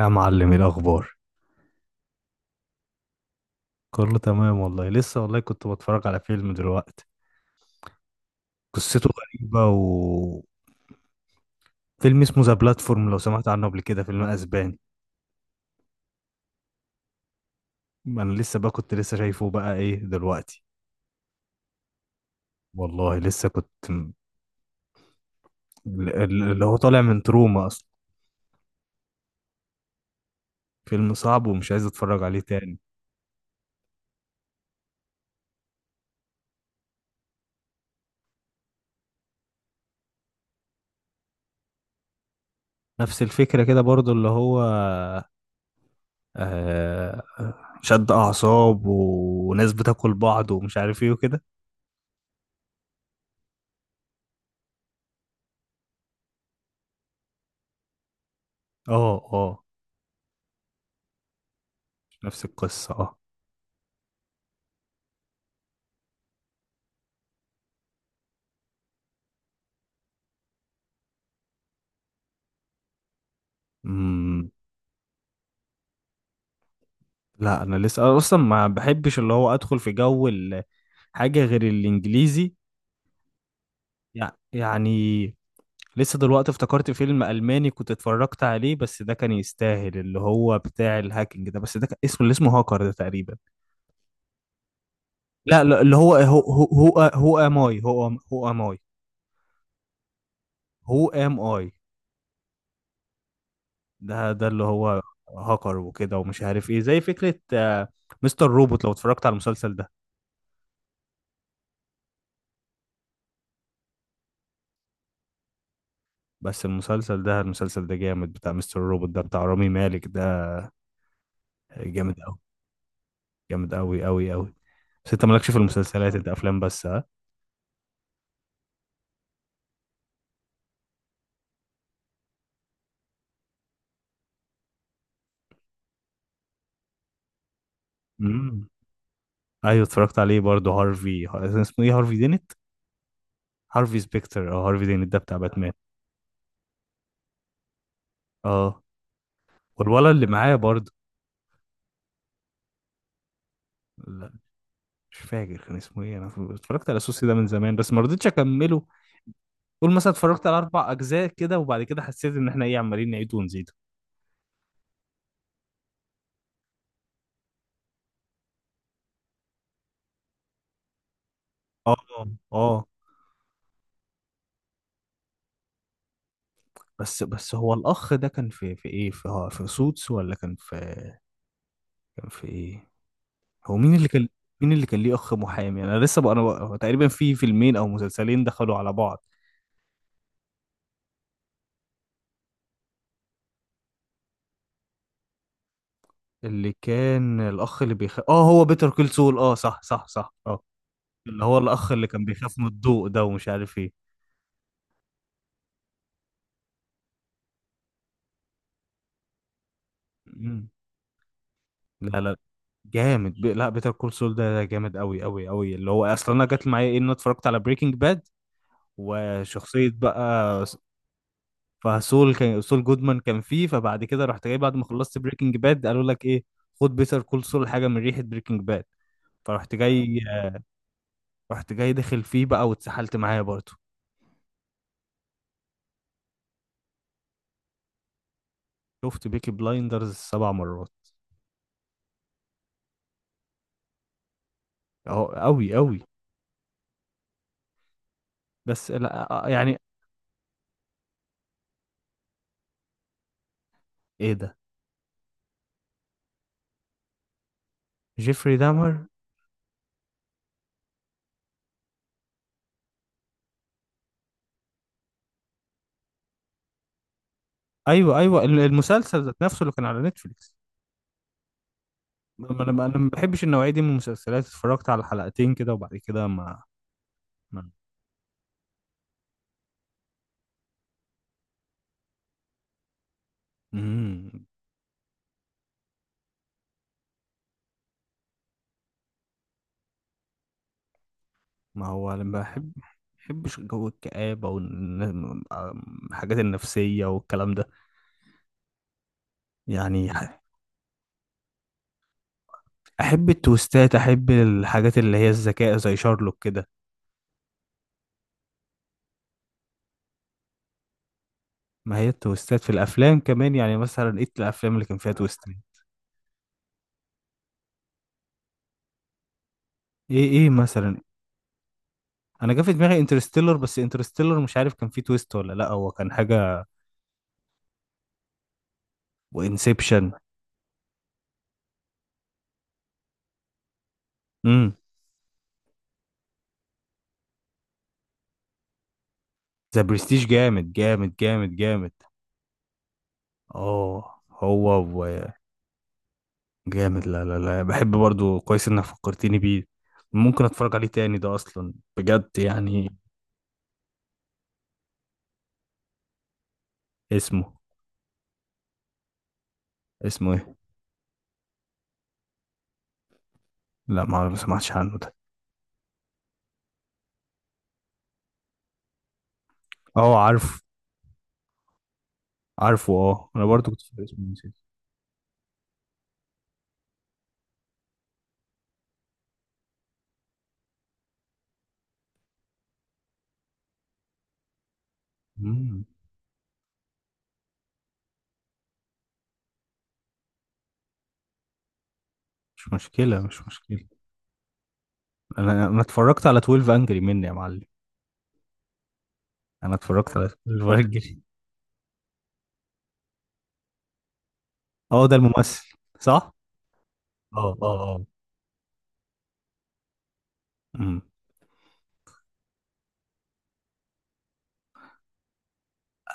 يا معلم، ايه الاخبار؟ كله تمام والله. لسه والله كنت بتفرج على فيلم دلوقتي. قصته غريبة و فيلم اسمه ذا بلاتفورم. لو سمعت عنه قبل كده، فيلم اسباني. ما انا لسه بقى، كنت لسه شايفه بقى ايه دلوقتي. والله لسه كنت اللي هو طالع من تروما اصلا. فيلم صعب، ومش عايز اتفرج عليه تاني. نفس الفكرة كده برضو، اللي هو آه شد اعصاب وناس بتاكل بعض ومش عارف ايه وكده. اه اه، نفس القصة، اه. امم لا، انا لسه، أنا اصلا ما بحبش اللي هو ادخل في جو حاجة غير الانجليزي. يعني لسه دلوقتي افتكرت فيلم الماني كنت اتفرجت عليه، بس ده كان يستاهل، اللي هو بتاع الهاكينج ده، بس ده كان اسمه، اللي اسمه هاكر ده تقريبا. لا لا، اللي هو هو ام اي، هو ام اي، هو ام اي. ده ده اللي هو هاكر وكده ومش عارف ايه، زي فكرة مستر روبوت. لو اتفرجت على المسلسل ده. بس المسلسل ده جامد، بتاع مستر روبوت ده، بتاع رامي مالك ده، جامد قوي، جامد قوي قوي قوي. بس انت مالكش في المسلسلات، انت افلام بس، ها؟ امم. ايوه، اتفرجت عليه برضه. هارفي، اسمه ايه، هارفي دينت. هارفي سبيكتر او هارفي دينت ده، بتاع باتمان. اه. والولد اللي معايا برضه. لا، مش فاكر كان اسمه ايه انا. اتفرجت على سوسي ده من زمان، بس ما رضيتش اكمله. قول مثلا اتفرجت على اربع اجزاء كده، وبعد كده حسيت ان احنا ايه، عمالين نعيد ونزيد. اه اه. بس هو الأخ ده كان في، في إيه، في، هو في سوتس ولا كان في، كان في إيه، هو مين اللي كان، مين اللي كان ليه أخ محامي؟ أنا لسه بقى، أنا بقى هو تقريبا في فيلمين أو مسلسلين دخلوا على بعض. اللي كان الأخ اللي بيخاف، آه هو بيتر كول سول، آه صح صح صح، آه. اللي هو الأخ اللي كان بيخاف من الضوء ده ومش عارف إيه. مم. لا لا، جامد لا، بيتر كول سول ده ده جامد قوي قوي قوي. اللي هو اصلا انا، جت معايا ايه، ان انا اتفرجت على بريكنج باد وشخصيه بقى فسول، كان سول جودمان كان فيه. فبعد كده رحت جاي بعد ما خلصت بريكنج باد، قالوا لك ايه، خد بيتر كول سول حاجه من ريحه بريكنج باد، فرحت، آه، جاي. رحت جاي داخل فيه بقى واتسحلت معايا برضه. شفت بيكي بلايندرز سبع مرات. اهو قوي قوي. بس لا يعني. ايه ده، جيفري دامر. ايوه ايوه، المسلسل ذات نفسه اللي كان على نتفليكس. ما انا، ما بحبش النوعيه دي من المسلسلات. اتفرجت على حلقتين كده، وبعد كده ما، ما. مم. ما هو انا بحبش جو الكآبة والحاجات النفسية والكلام ده. يعني أحب التويستات، أحب الحاجات اللي هي الذكاء زي شارلوك كده. ما هي التويستات في الأفلام كمان. يعني مثلا إيه الأفلام اللي كان فيها تويستات؟ إيه إيه مثلا. أنا جه في دماغي انترستيلر، بس انترستيلر مش عارف كان فيه تويست ولا لأ، هو كان حاجة. وإنسبشن. امم. ذا برستيج جامد جامد جامد جامد. اه هو جامد. لا لا لا، بحب برضو، كويس انك فكرتني بيه. ممكن اتفرج عليه تاني ده اصلا، بجد يعني. اسمه اسمه ايه؟ لا، ما ما سمعتش عنه ده. اه عارف. عارفه، اه، انا برضو كنت فاكر اسمه، نسيت. مم. مش مشكلة مش مشكلة. انا، اتفرجت على 12 انجري مني يا معلم. انا اتفرجت على 12 انجري. اه ده الممثل. صح. اه اه اه. مم.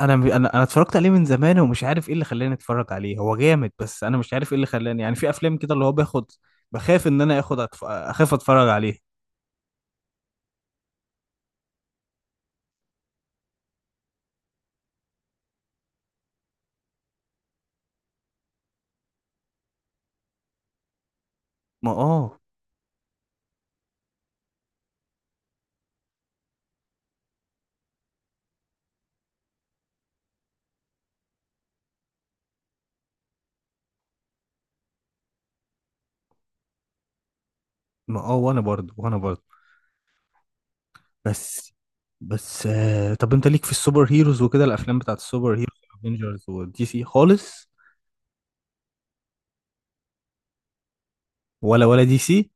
انا، انا اتفرجت عليه من زمان، ومش عارف ايه اللي خلاني اتفرج عليه. هو جامد، بس انا مش عارف ايه اللي خلاني، يعني في افلام كده اللي هو باخد، بخاف ان انا اخد، اخاف اتفرج عليه. ما اه، ما اه، وانا برضه، وانا برضه. بس طب انت ليك في السوبر هيروز وكده، الافلام بتاعت السوبر هيروز، افنجرز ودي سي، خالص؟ ولا، دي سي.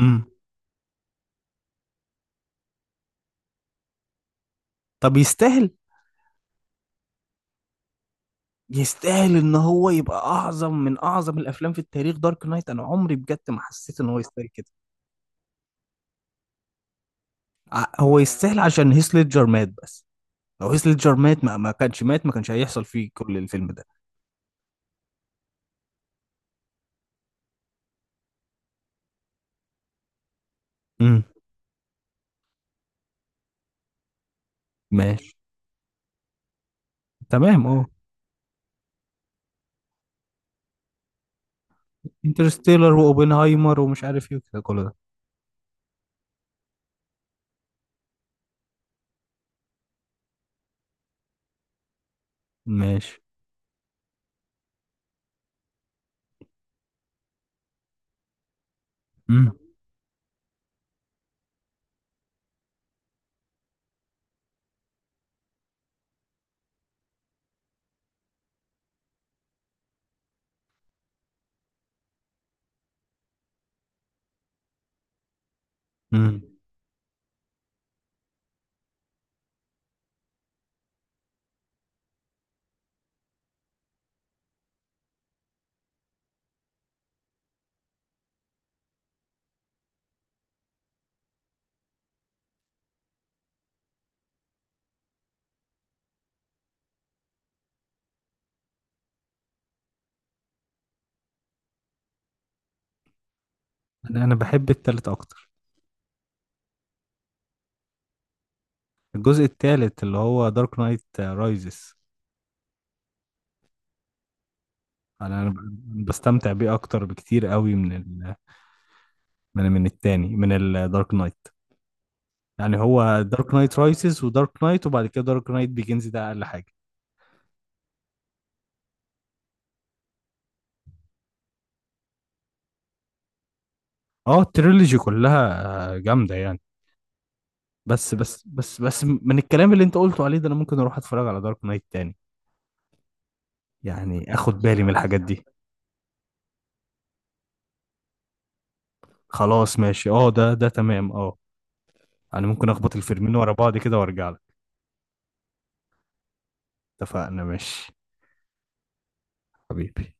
امم. طب يستاهل؟ يستاهل ان هو يبقى اعظم من اعظم الافلام في التاريخ، دارك نايت؟ انا عمري بجد ما حسيت ان هو يستاهل كده. هو يستاهل عشان هيث ليدجر مات، بس. لو هيث ليدجر مات، ما كانش مات، ما كانش هيحصل فيه كل الفيلم ده. امم. ماشي، تمام، اه. انترستيلر واوبنهايمر ومش عارف ايه وكده، كله ده. ماشي. امم. امم انا، بحب التالت اكتر، الجزء التالت اللي هو دارك نايت رايزز. انا، بستمتع بيه اكتر بكتير قوي من من التاني، من الدارك نايت. يعني هو دارك نايت رايزز ودارك نايت، وبعد كده دارك نايت بيجنز ده اقل حاجه. اه، التريلوجي كلها، آه، جامده يعني. بس من الكلام اللي انت قلته عليه ده، انا ممكن اروح اتفرج على دارك نايت تاني، يعني اخد بالي من الحاجات دي. خلاص ماشي، اه، ده تمام، اه. انا ممكن اخبط الفيلمين ورا بعض كده وارجع لك. اتفقنا ماشي. حبيبي.